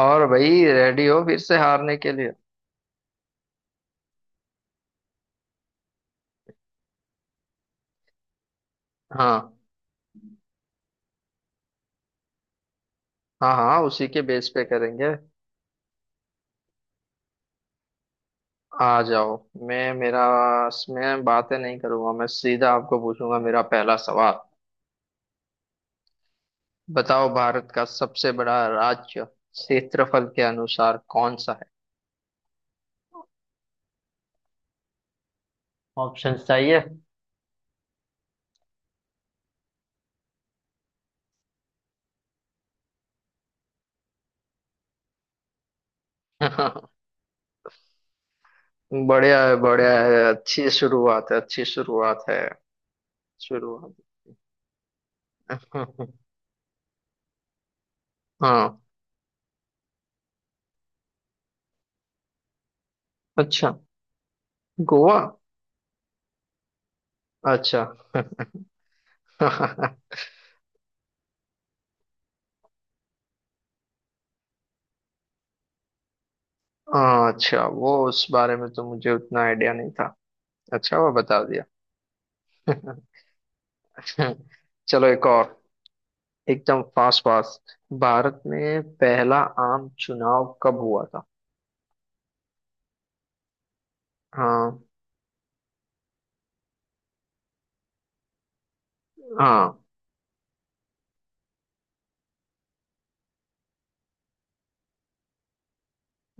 और भाई रेडी हो फिर से हारने के लिए। हाँ। हाँ हाँ, उसी के बेस पे करेंगे। आ जाओ। मैं मेरा मैं बातें नहीं करूंगा, मैं सीधा आपको पूछूंगा। मेरा पहला सवाल, बताओ भारत का सबसे बड़ा राज्य क्षेत्रफल के अनुसार कौन सा। ऑप्शन चाहिए है? बढ़िया है बढ़िया है, अच्छी शुरुआत है अच्छी शुरुआत है। शुरुआत। हाँ। अच्छा, गोवा। अच्छा। हाँ, अच्छा वो उस बारे में तो मुझे उतना आइडिया नहीं था। अच्छा वो बता दिया। चलो एक और। एकदम फास्ट फास्ट। भारत में पहला आम चुनाव कब हुआ था? हाँ। हाँ,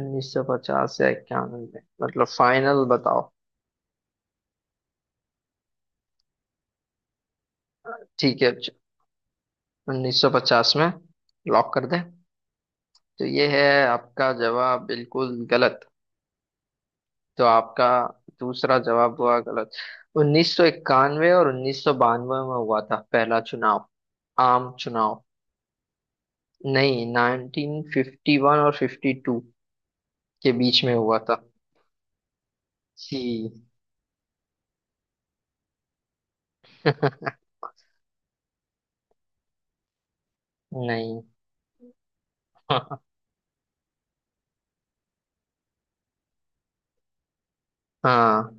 उन्नीस सौ पचास या इक्यानवे में, मतलब फाइनल बताओ। ठीक है, उन्नीस सौ पचास में लॉक कर दें? तो ये है आपका जवाब बिल्कुल गलत। तो आपका दूसरा जवाब हुआ गलत। 1991 और 1992 में हुआ था पहला चुनाव, आम चुनाव। नहीं, 1951 और 52 के बीच में हुआ था। सी। नहीं। हाँ।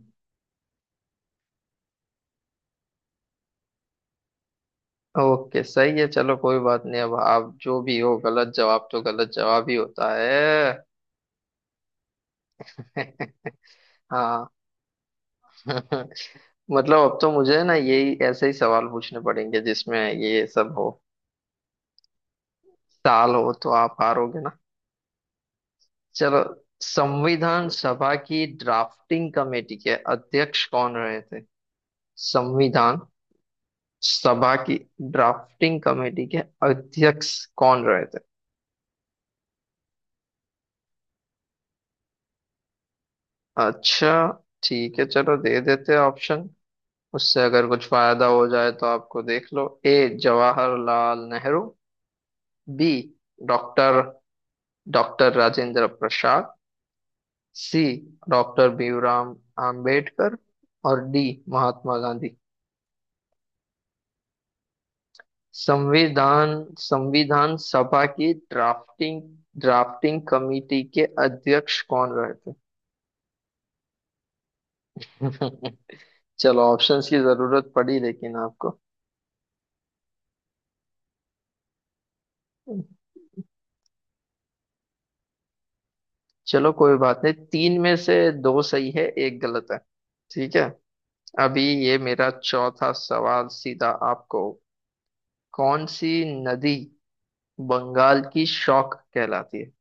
ओके सही है, चलो कोई बात नहीं। अब आप जो भी हो, गलत जवाब तो गलत जवाब ही होता है। हाँ। मतलब अब तो मुझे ना यही ऐसे ही सवाल पूछने पड़ेंगे जिसमें ये सब हो। साल हो तो आप हारोगे ना। चलो, संविधान सभा की ड्राफ्टिंग कमेटी के अध्यक्ष कौन रहे थे? संविधान सभा की ड्राफ्टिंग कमेटी के अध्यक्ष कौन रहे थे? अच्छा, ठीक है चलो दे देते हैं ऑप्शन। उससे अगर कुछ फायदा हो जाए तो आपको, देख लो। A, Jawaharlal Nehru. B, doctor doctor Rajendra Prasad. C, doctor Bhimrao Ambedkar. और डी, महात्मा गांधी। संविधान संविधान सभा की ड्राफ्टिंग ड्राफ्टिंग कमेटी के अध्यक्ष कौन रहे थे? चलो ऑप्शंस की जरूरत पड़ी लेकिन आपको। चलो कोई बात नहीं, तीन में से दो सही है एक गलत है। ठीक है। अभी ये मेरा चौथा सवाल सीधा आपको। कौन सी नदी बंगाल की शौक कहलाती है?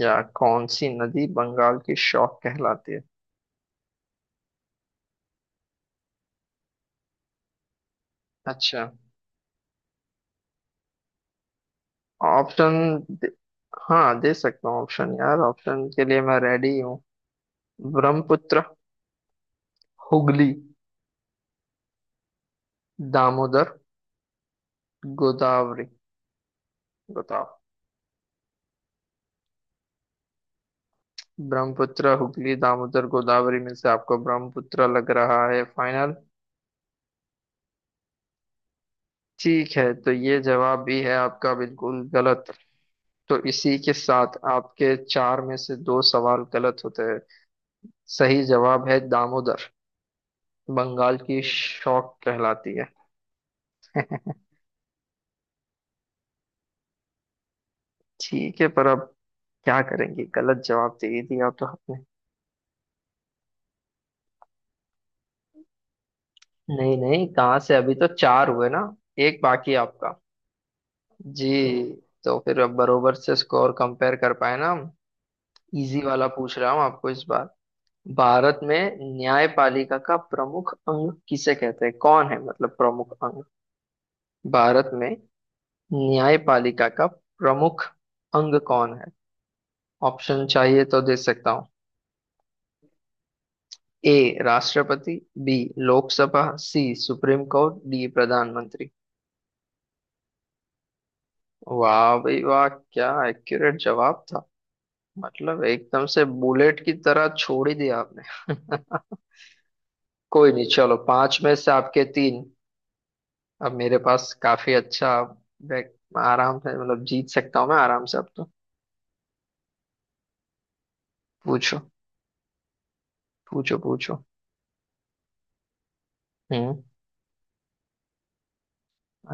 या कौन सी नदी बंगाल की शौक कहलाती है? अच्छा। ऑप्शन दे, हाँ दे सकता हूँ ऑप्शन। यार ऑप्शन के लिए मैं रेडी हूँ। ब्रह्मपुत्र, हुगली, दामोदर, गोदावरी। बताओ। ब्रह्मपुत्र, हुगली, दामोदर, गोदावरी में से आपको ब्रह्मपुत्र लग रहा है फाइनल? ठीक है, तो ये जवाब भी है आपका बिल्कुल गलत। तो इसी के साथ आपके चार में से दो सवाल गलत होते हैं। सही जवाब है दामोदर, बंगाल की शौक कहलाती है। ठीक है, पर अब क्या करेंगे, गलत जवाब दे ही दिया तो आपने। नहीं नहीं, कहाँ से, अभी तो चार हुए ना, एक बाकी है आपका। जी। तो फिर अब बरोबर से स्कोर कंपेयर कर पाए ना हम। इजी वाला पूछ रहा हूँ आपको इस बार। भारत में न्यायपालिका का प्रमुख अंग किसे कहते हैं, कौन है मतलब प्रमुख अंग? भारत में न्यायपालिका का प्रमुख अंग कौन है? ऑप्शन चाहिए तो दे सकता हूँ। ए राष्ट्रपति, B Lok Sabha, C supreme court, D प्रधानमंत्री। वाह भाई वाह, क्या एक्यूरेट जवाब था। मतलब एकदम से बुलेट की तरह छोड़ ही दिया आपने। कोई नहीं, चलो पांच में से आपके तीन। अब मेरे पास काफी अच्छा आराम से, मतलब जीत सकता हूँ मैं आराम से अब तो। पूछो। पूछो पूछो। हम्म।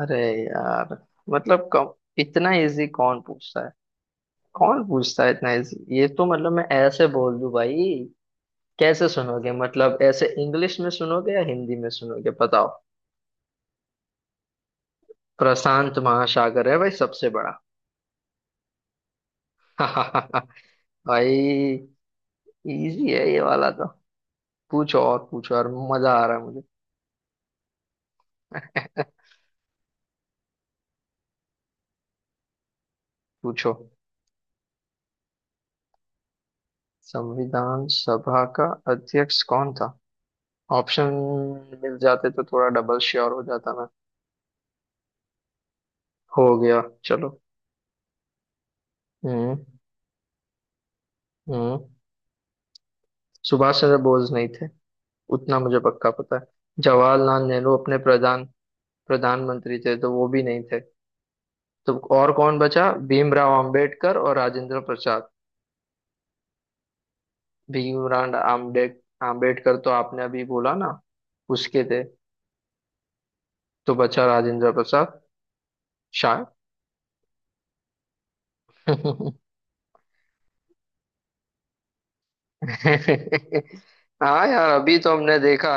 अरे यार, मतलब कम, इतना इजी कौन पूछता है? कौन पूछता है इतना इजी, ये तो मतलब मैं ऐसे बोल दूं भाई। कैसे सुनोगे, मतलब ऐसे इंग्लिश में सुनोगे या हिंदी में सुनोगे बताओ। प्रशांत महासागर है भाई सबसे बड़ा। भाई इजी है ये वाला तो। पूछो और, पूछो और, मजा आ रहा है मुझे। पूछो। संविधान सभा का अध्यक्ष कौन था? ऑप्शन मिल जाते तो थोड़ा डबल श्योर हो जाता मैं। हो गया, चलो। हम्म। हम्म। सुभाष चंद्र बोस नहीं थे, उतना मुझे पक्का पता है। जवाहरलाल नेहरू अपने प्रधान प्रधानमंत्री थे तो वो भी नहीं थे। तो और कौन बचा, भीमराव अंबेडकर और राजेंद्र प्रसाद। भीमराव आम्बेड आम्बेडकर तो आपने अभी बोला ना, उसके थे। तो बचा राजेंद्र प्रसाद, शायद। हाँ यार, अभी तो हमने देखा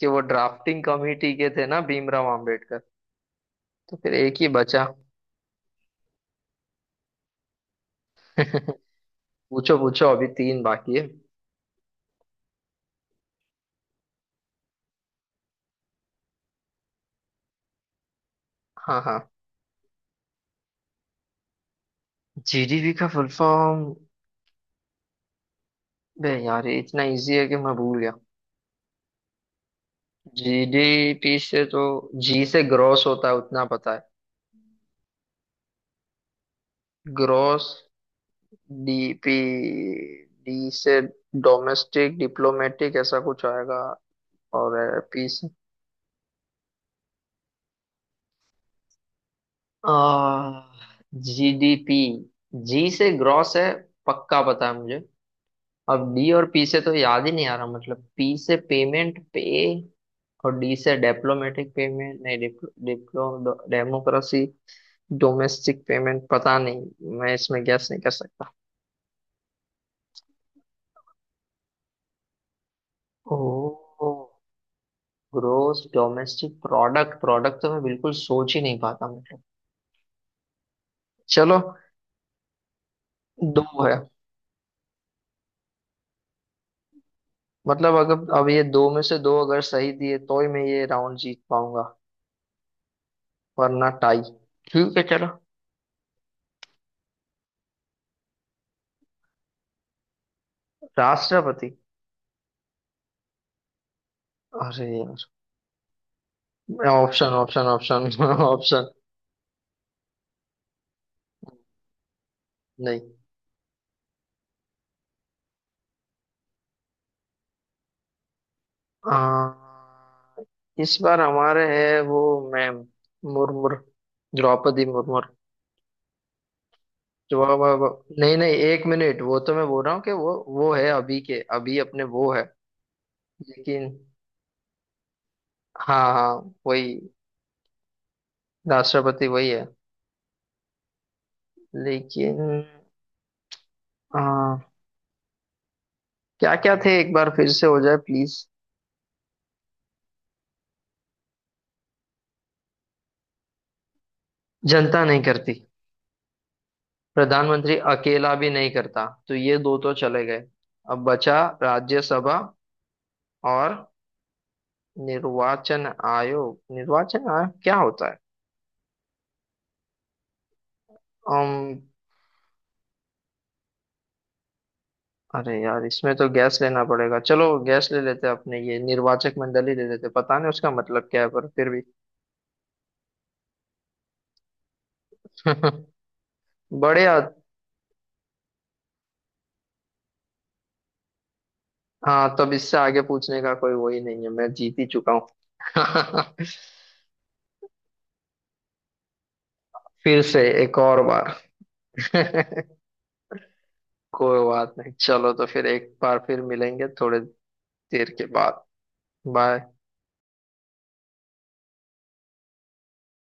कि वो ड्राफ्टिंग कमेटी के थे ना भीमराव आम्बेडकर। तो फिर एक ही बचा। पूछो। पूछो, अभी तीन बाकी है। हाँ हाँ, जीडीपी का फुल फॉर्म। बे यार ये इतना इजी है कि मैं भूल गया। जीडीपी से तो जी से ग्रॉस होता है उतना पता है। ग्रॉस डीपी, डी से डोमेस्टिक, डिप्लोमेटिक ऐसा कुछ आएगा। और पी से, जीडीपी, जी से ग्रॉस है पक्का पता है मुझे। अब डी और पी से तो याद ही नहीं आ रहा, मतलब पी से पेमेंट पे, और डी से डिप्लोमेटिक, पेमेंट नहीं, diplo diplo democracy, domestic, payment, पता नहीं मैं इसमें गैस नहीं कर सकता। ओ, ग्रोस डोमेस्टिक प्रोडक्ट, प्रोडक्ट तो मैं बिल्कुल सोच ही नहीं पाता मतलब। चलो। दो है। मतलब अगर अब ये दो में से दो अगर सही दिए तो ही मैं ये राउंड जीत पाऊंगा, वरना टाई। ठीक है, चलो। राष्ट्रपति। अरे यार, ऑप्शन ऑप्शन ऑप्शन। ऑप्शन। नहीं। आ, इस बार हमारे है वो, मैम, मुर्मुर, द्रौपदी मुर्मुर। जो- वो- वो- नहीं नहीं, एक मिनट, वो तो मैं बोल रहा हूँ कि वो है अभी के अभी अपने वो है। लेकिन। हाँ हाँ, वही, राष्ट्रपति वही है। लेकिन क्या क्या थे एक बार फिर से हो जाए प्लीज। जनता नहीं करती, प्रधानमंत्री अकेला भी नहीं करता, तो ये दो तो चले गए। अब बचा राज्यसभा और निर्वाचन आयोग। निर्वाचन आयोग क्या होता है? अम। अरे यार इसमें तो गैस लेना पड़ेगा, चलो गैस ले लेते हैं अपने, ये निर्वाचक मंडली ले लेते हैं। पता नहीं उसका मतलब क्या है पर फिर भी। बढ़िया। हाँ, तब इससे आगे पूछने का कोई वही नहीं है, मैं जीत ही चुका हूँ। फिर से एक और बार। कोई बात नहीं चलो, तो फिर एक बार फिर मिलेंगे थोड़े देर के बाद। बाय।